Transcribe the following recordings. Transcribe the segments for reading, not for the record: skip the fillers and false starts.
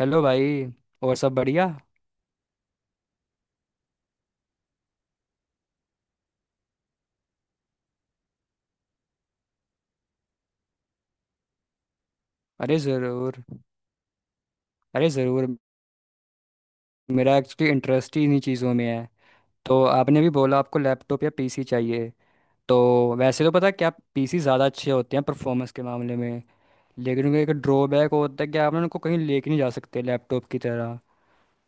Hello भाई। और सब बढ़िया? अरे ज़रूर, अरे ज़रूर, मेरा एक्चुअली इंटरेस्ट ही इन्हीं चीज़ों में है। तो आपने भी बोला आपको लैपटॉप या पीसी चाहिए। तो वैसे तो पता है क्या, पीसी ज़्यादा अच्छे होते हैं परफॉर्मेंस के मामले में, लेकिन उनका एक ड्रॉबैक होता है कि आप ना उनको कहीं लेके नहीं जा सकते लैपटॉप की तरह।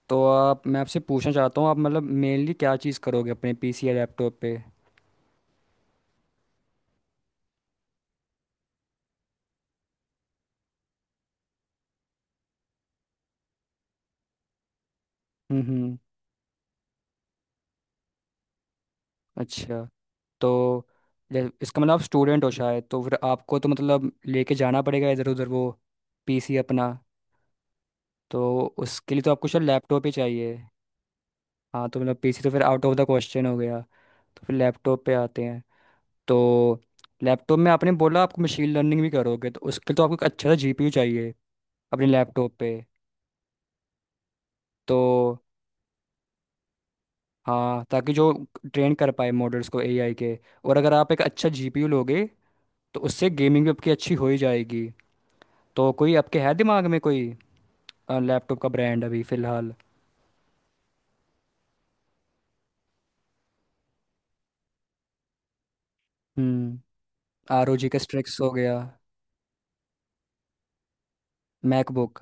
तो आप मैं आपसे पूछना चाहता हूँ, आप मतलब मेनली क्या चीज़ करोगे अपने पीसी या लैपटॉप पे? हम्म हम्म। अच्छा, तो इसका मतलब आप स्टूडेंट हो शायद, तो फिर आपको तो मतलब लेके जाना पड़ेगा इधर उधर वो पीसी अपना। तो उसके लिए तो आपको शायद लैपटॉप ही चाहिए। हाँ, तो मतलब पीसी तो फिर आउट ऑफ द क्वेश्चन हो गया। तो फिर लैपटॉप पे आते हैं। तो लैपटॉप में आपने बोला आपको मशीन लर्निंग भी करोगे, तो उसके लिए तो आपको एक अच्छा सा जीपीयू चाहिए अपने लैपटॉप पे। तो हाँ, ताकि जो ट्रेन कर पाए मॉडल्स को एआई के। और अगर आप एक अच्छा जीपीयू लोगे, तो उससे गेमिंग भी आपकी अच्छी हो ही जाएगी। तो कोई आपके है दिमाग में कोई लैपटॉप का ब्रांड अभी फिलहाल? हम्म, ROG का स्ट्रिक्स हो गया, मैकबुक।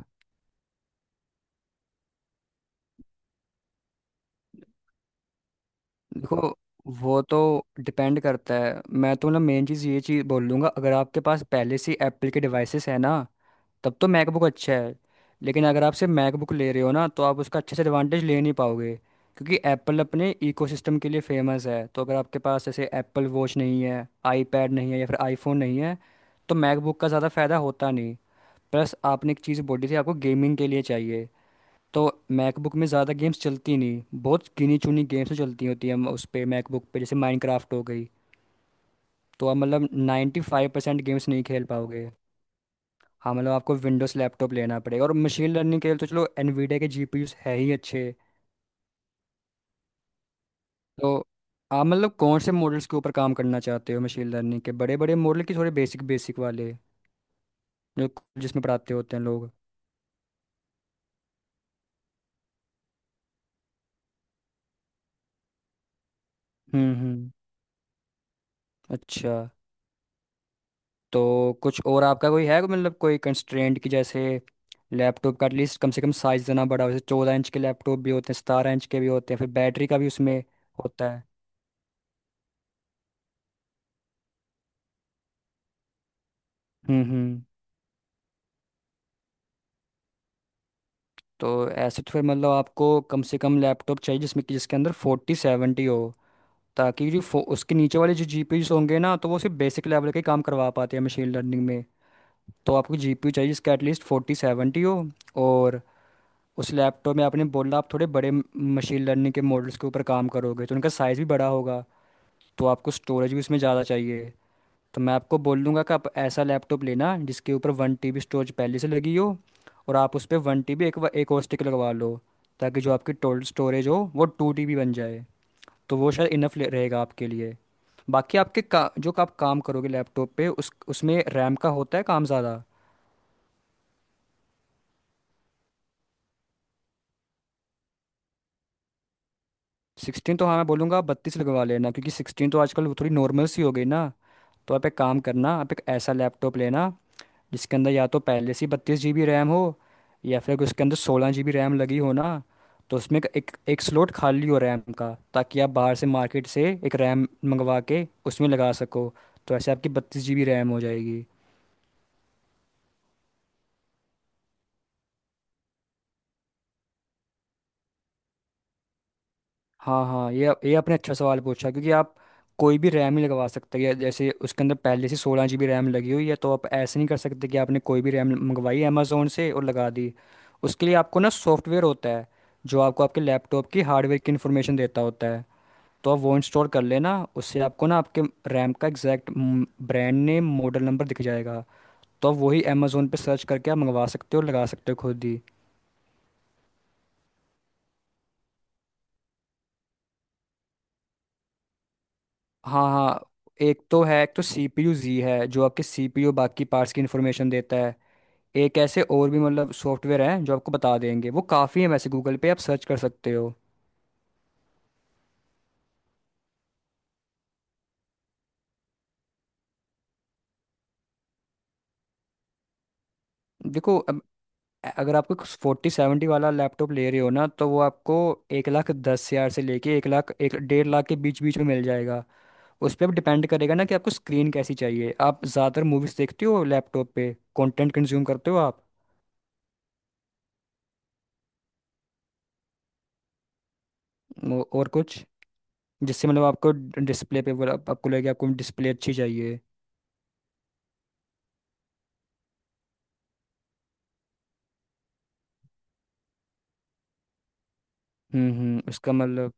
देखो, वो तो डिपेंड करता है। मैं तो मतलब मेन चीज़ ये चीज़ बोल दूंगा, अगर आपके पास पहले से एप्पल के डिवाइसेस है ना, तब तो मैकबुक अच्छा है। लेकिन अगर आप सिर्फ मैकबुक ले रहे हो ना, तो आप उसका अच्छे से एडवांटेज ले नहीं पाओगे, क्योंकि एप्पल अपने इकोसिस्टम के लिए फेमस है। तो अगर आपके पास ऐसे एप्पल वॉच नहीं है, आईपैड नहीं है, या फिर आईफोन नहीं है, तो मैकबुक का ज़्यादा फ़ायदा होता नहीं। प्लस आपने एक चीज़ बोली थी आपको गेमिंग के लिए चाहिए। तो मैकबुक में ज़्यादा गेम्स चलती नहीं, बहुत गिनी चुनी गेम्स ही चलती होती हैं उस पर मैकबुक पे, जैसे माइनक्राफ्ट हो गई। तो आप मतलब 95% गेम्स नहीं खेल पाओगे। हाँ, मतलब आपको विंडोज़ लैपटॉप लेना पड़ेगा, और मशीन लर्निंग के लिए तो चलो एनवीडिया के जीपीयूस है ही अच्छे। तो आप मतलब कौन से मॉडल्स के ऊपर काम करना चाहते हो, मशीन लर्निंग के बड़े बड़े मॉडल की थोड़े बेसिक बेसिक वाले जो जिसमें पढ़ाते होते हैं लोग? हम्म। अच्छा, तो कुछ और आपका कोई है मतलब कोई कंस्ट्रेंट की जैसे लैपटॉप का एटलीस्ट कम से कम साइज देना बड़ा हो, जैसे 14 इंच के लैपटॉप भी होते हैं, 17 इंच के भी होते हैं, फिर बैटरी का भी उसमें होता है। हम्म। तो ऐसे तो फिर मतलब आपको कम से कम लैपटॉप चाहिए जिसमें कि जिसके अंदर 4070 हो, ताकि जो उसके नीचे वाले जो जीपीयूज होंगे ना, तो वो सिर्फ बेसिक लेवल के काम करवा पाते हैं मशीन लर्निंग में। तो आपको जीपीयू चाहिए जिसका एटलीस्ट 4070 हो। और उस लैपटॉप में आपने बोला आप थोड़े बड़े मशीन लर्निंग के मॉडल्स के ऊपर काम करोगे, तो उनका साइज़ भी बड़ा होगा। तो आपको स्टोरेज भी उसमें ज़्यादा चाहिए। तो मैं आपको बोल दूंगा कि आप ऐसा लैपटॉप लेना जिसके ऊपर 1 TB स्टोरेज पहले से लगी हो, और आप उस पर 1 TB एक और स्टिक लगवा लो, ताकि जो आपकी टोटल स्टोरेज हो वो 2 TB बन जाए। तो वो शायद इनफ रहेगा आपके लिए। बाकी आपके का जो आप काम करोगे लैपटॉप पे, उस उसमें रैम का होता है काम ज़्यादा। 16 तो हाँ, मैं बोलूँगा आप 32 लगवा लेना, क्योंकि 16 तो आजकल वो थोड़ी नॉर्मल सी हो गई ना। तो आप एक काम करना, आप एक ऐसा लैपटॉप लेना जिसके अंदर या तो पहले से 32 GB रैम हो, या फिर उसके अंदर 16 GB रैम लगी हो ना, तो उसमें एक एक, एक स्लॉट खाली हो रैम का, ताकि आप बाहर से मार्केट से एक रैम मंगवा के उसमें लगा सको। तो ऐसे आपकी 32 GB रैम हो जाएगी। हाँ हाँ, ये आपने अच्छा सवाल पूछा, क्योंकि आप कोई भी रैम ही लगवा सकते हैं। जैसे उसके अंदर पहले से 16 GB रैम लगी हुई है, तो आप ऐसे नहीं कर सकते कि आपने कोई भी रैम मंगवाई अमेज़ोन से और लगा दी। उसके लिए आपको ना सॉफ्टवेयर होता है जो आपको आपके लैपटॉप की हार्डवेयर की इन्फॉर्मेशन देता होता है। तो आप वो इंस्टॉल कर लेना, उससे आपको ना आपके रैम का exact brand name model number दिख जाएगा। तो आप वही अमेज़ोन पे सर्च करके आप मंगवा सकते हो, लगा सकते हो खुद ही। हाँ हाँ, एक तो है, एक तो सीपीयू जी है जो आपके सीपीयू बाकी पार्ट्स की इन्फॉर्मेशन देता है। एक ऐसे और भी मतलब सॉफ्टवेयर हैं जो आपको बता देंगे, वो काफ़ी है। वैसे गूगल पे आप सर्च कर सकते हो। देखो अब, अगर आपको 4070 वाला लैपटॉप ले रहे हो ना, तो वो आपको 1,10,000 से लेके 1,00,000 एक 1,50,000 के बीच बीच में मिल जाएगा। उस पर अब डिपेंड करेगा ना, कि आपको स्क्रीन कैसी चाहिए, आप ज़्यादातर मूवीज़ देखते हो लैपटॉप पे, कंटेंट कंज्यूम करते हो आप? और कुछ जिससे मतलब आपको डिस्प्ले पे बोला आपको लगे आपको डिस्प्ले अच्छी चाहिए? हम्म, उसका मतलब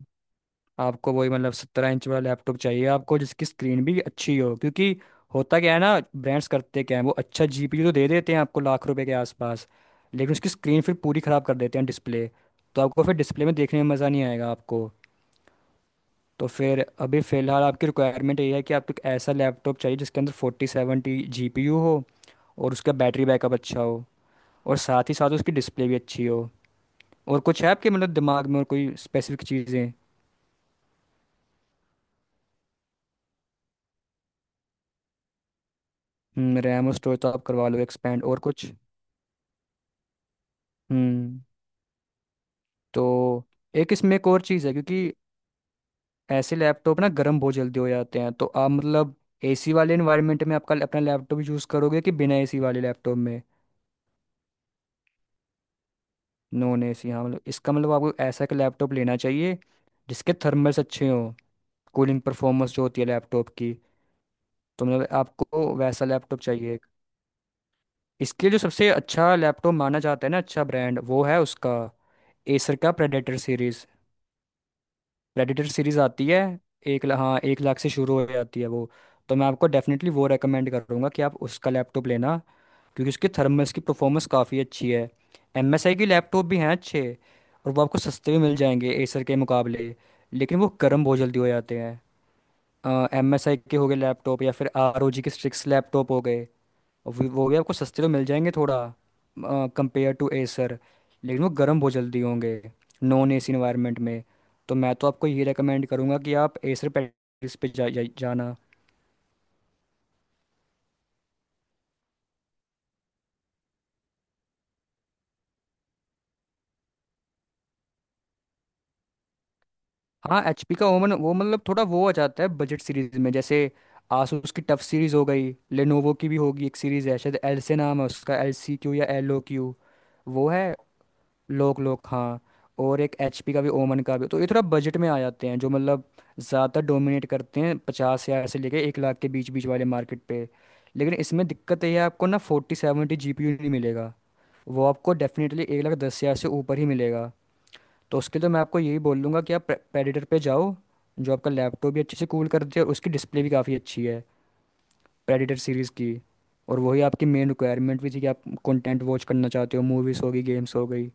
आपको वही मतलब 17 इंच वाला लैपटॉप चाहिए, आपको जिसकी स्क्रीन भी अच्छी हो, क्योंकि होता क्या है ना, ब्रांड्स करते क्या है वो, अच्छा जीपीयू तो दे देते हैं आपको लाख रुपए के आसपास, लेकिन उसकी स्क्रीन फिर पूरी ख़राब कर देते हैं, डिस्प्ले। तो आपको फिर डिस्प्ले में देखने में मज़ा नहीं आएगा आपको। तो फिर अभी फ़िलहाल आपकी रिक्वायरमेंट ये है कि आपको एक ऐसा लैपटॉप चाहिए जिसके अंदर 4070 GPU हो, और उसका बैटरी बैकअप अच्छा हो, और साथ ही साथ उसकी डिस्प्ले भी अच्छी हो। और कुछ है आपके मतलब दिमाग में और कोई स्पेसिफिक चीज़ें? हम्म, रैम और स्टोरेज तो आप करवा लो एक्सपेंड। और कुछ? हम्म। तो एक इसमें एक और चीज़ है, क्योंकि ऐसे लैपटॉप ना गर्म बहुत जल्दी हो जाते हैं। तो आप मतलब एसी वाले इन्वायरमेंट में आपका अपना लैपटॉप यूज़ करोगे कि बिना एसी वाले लैपटॉप में? नॉन एसी, हाँ, मतलब इसका मतलब आपको ऐसा का लैपटॉप लेना चाहिए जिसके थर्मल्स अच्छे हों, कूलिंग परफॉर्मेंस जो होती है लैपटॉप की। तो मतलब आपको वैसा लैपटॉप चाहिए। इसके लिए जो सबसे अच्छा लैपटॉप माना जाता है ना, अच्छा ब्रांड, वो है उसका एसर का प्रेडेटर सीरीज। प्रेडेटर सीरीज आती है, हाँ, एक लाख से शुरू हो जाती है वो। तो मैं आपको डेफिनेटली वो रेकमेंड करूँगा कि आप उसका लैपटॉप लेना, क्योंकि उसकी थर्मल्स की परफॉर्मेंस काफ़ी अच्छी है। एम एस आई की लैपटॉप भी हैं अच्छे, और वो आपको सस्ते में मिल जाएंगे एसर के मुकाबले, लेकिन वो गर्म बहुत जल्दी हो जाते हैं। MSI के हो गए लैपटॉप, या फिर ROG के स्ट्रिक्स लैपटॉप हो गए, और वो भी आपको सस्ते तो मिल जाएंगे थोड़ा कंपेयर टू एसर, लेकिन वो गर्म बहुत जल्दी होंगे नॉन एसी इन्वायरमेंट में। तो मैं तो आपको ये रेकमेंड करूँगा कि आप एसर पैकेज पे जा, जा, जाना। हाँ, एचपी का ओवन, वो मतलब थोड़ा वो आ जाता है बजट सीरीज में, जैसे आसूस की टफ सीरीज हो गई, लेनोवो की भी होगी एक सीरीज है शायद, एल से नाम है उसका, LCQ या LOQ। वो है, लोक लोक हाँ। और एक एचपी का भी, ओमन का भी, तो ये थोड़ा बजट में आ जाते हैं, जो मतलब ज़्यादा डोमिनेट करते हैं 50,000 से लेके 1,00,000 के बीच बीच वाले मार्केट पे। लेकिन इसमें दिक्कत ये है, आपको ना 4070 जीपीयू नहीं मिलेगा, वो आपको डेफिनेटली 1,10,000 से ऊपर ही मिलेगा। तो उसके लिए तो मैं आपको यही बोल दूंगा कि आप प्रेडिटर पे जाओ, जो आपका लैपटॉप भी अच्छे से कूल करती है, और उसकी डिस्प्ले भी काफ़ी अच्छी है प्रेडिटर सीरीज़ की। और वही आपकी मेन रिक्वायरमेंट भी थी कि आप कंटेंट वॉच करना चाहते हो, मूवीज़ होगी, गेम्स हो गई।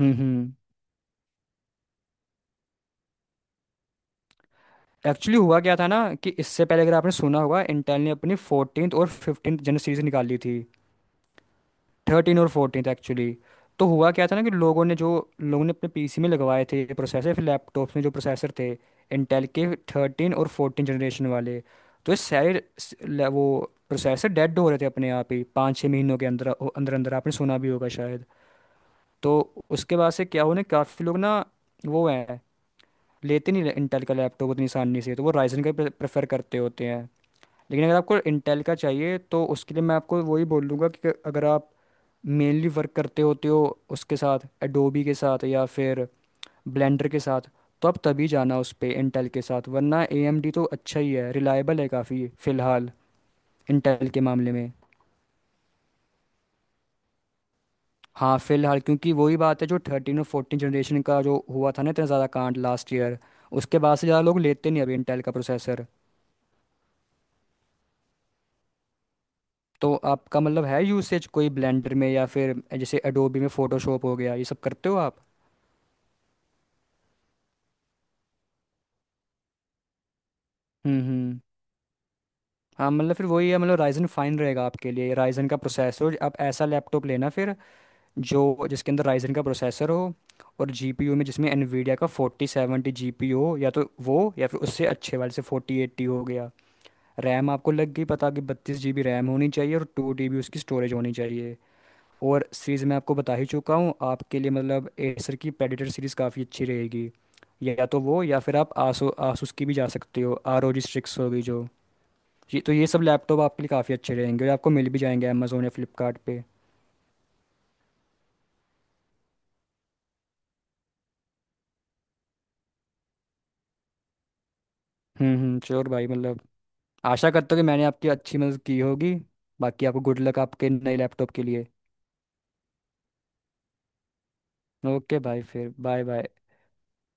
हम्म। एक्चुअली हुआ क्या था ना, कि इससे पहले अगर आपने सुना होगा, इंटेल ने अपनी 14 और 15 जनरल सीरीज निकाली थी, 13 और 14 एक्चुअली। तो हुआ क्या था ना कि लोगों ने अपने पीसी में लगवाए थे ये प्रोसेसर, फिर लैपटॉप्स में जो प्रोसेसर थे इंटेल के, 13 और फोर्टीन जनरेशन वाले, तो ये सारे वो प्रोसेसर डेड हो रहे थे अपने आप ही पाँच छः महीनों के अंदर अंदर अंदर, आपने सुना भी होगा शायद। तो उसके बाद से क्या हुआ ना, काफ़ी लोग ना वो हैं, लेते नहीं इंटेल का लैपटॉप उतनी आसानी से, तो वो राइजन का प्रेफर करते होते हैं। लेकिन अगर आपको इंटेल का चाहिए, तो उसके लिए मैं आपको वही बोलूँगा कि अगर आप मेनली वर्क करते होते हो उसके साथ एडोबी के साथ या फिर ब्लेंडर के साथ, तो आप तभी जाना उस पे इंटेल के साथ, वरना एएमडी तो अच्छा ही है, रिलायबल है काफ़ी फ़िलहाल इंटेल के मामले में। हाँ फ़िलहाल, क्योंकि वही बात है, जो 13 और फोर्टीन जनरेशन का जो हुआ था ना, इतना ज़्यादा कांड लास्ट ईयर, उसके बाद से ज़्यादा लोग लेते नहीं अभी इंटेल का प्रोसेसर। तो आपका मतलब है यूसेज कोई ब्लेंडर में या फिर जैसे एडोबी में फोटोशॉप हो गया, ये सब करते हो आप? हम्म। हाँ मतलब फिर वही है, मतलब राइजन फाइन रहेगा आपके लिए, राइजन का प्रोसेसर। आप ऐसा लैपटॉप लेना फिर जो जिसके अंदर राइजन का प्रोसेसर हो, और जीपीयू में जिसमें एनवीडिया का 4070 जीपीयू हो, या तो वो या फिर उससे अच्छे वाले से 4080 हो गया। रैम आपको लग गई पता कि 32 GB रैम होनी चाहिए, और टू डीबी उसकी स्टोरेज होनी चाहिए। और सीरीज मैं आपको बता ही चुका हूँ आपके लिए, मतलब एसर की प्रेडेटर सीरीज काफ़ी अच्छी रहेगी। या तो वो या फिर आप आसो आसूस की भी जा सकते हो, ROG स्ट्रिक्स होगी जो, ये तो ये सब लैपटॉप आपके लिए काफ़ी अच्छे रहेंगे, और आपको मिल भी जाएंगे अमेजोन या फ्लिपकार्ट पे। हम्म। श्योर भाई, मतलब आशा करता हूँ कि मैंने आपकी अच्छी मदद की होगी। बाकी आपको गुड लक आपके नए लैपटॉप के लिए। ओके भाई, फिर बाय बाय।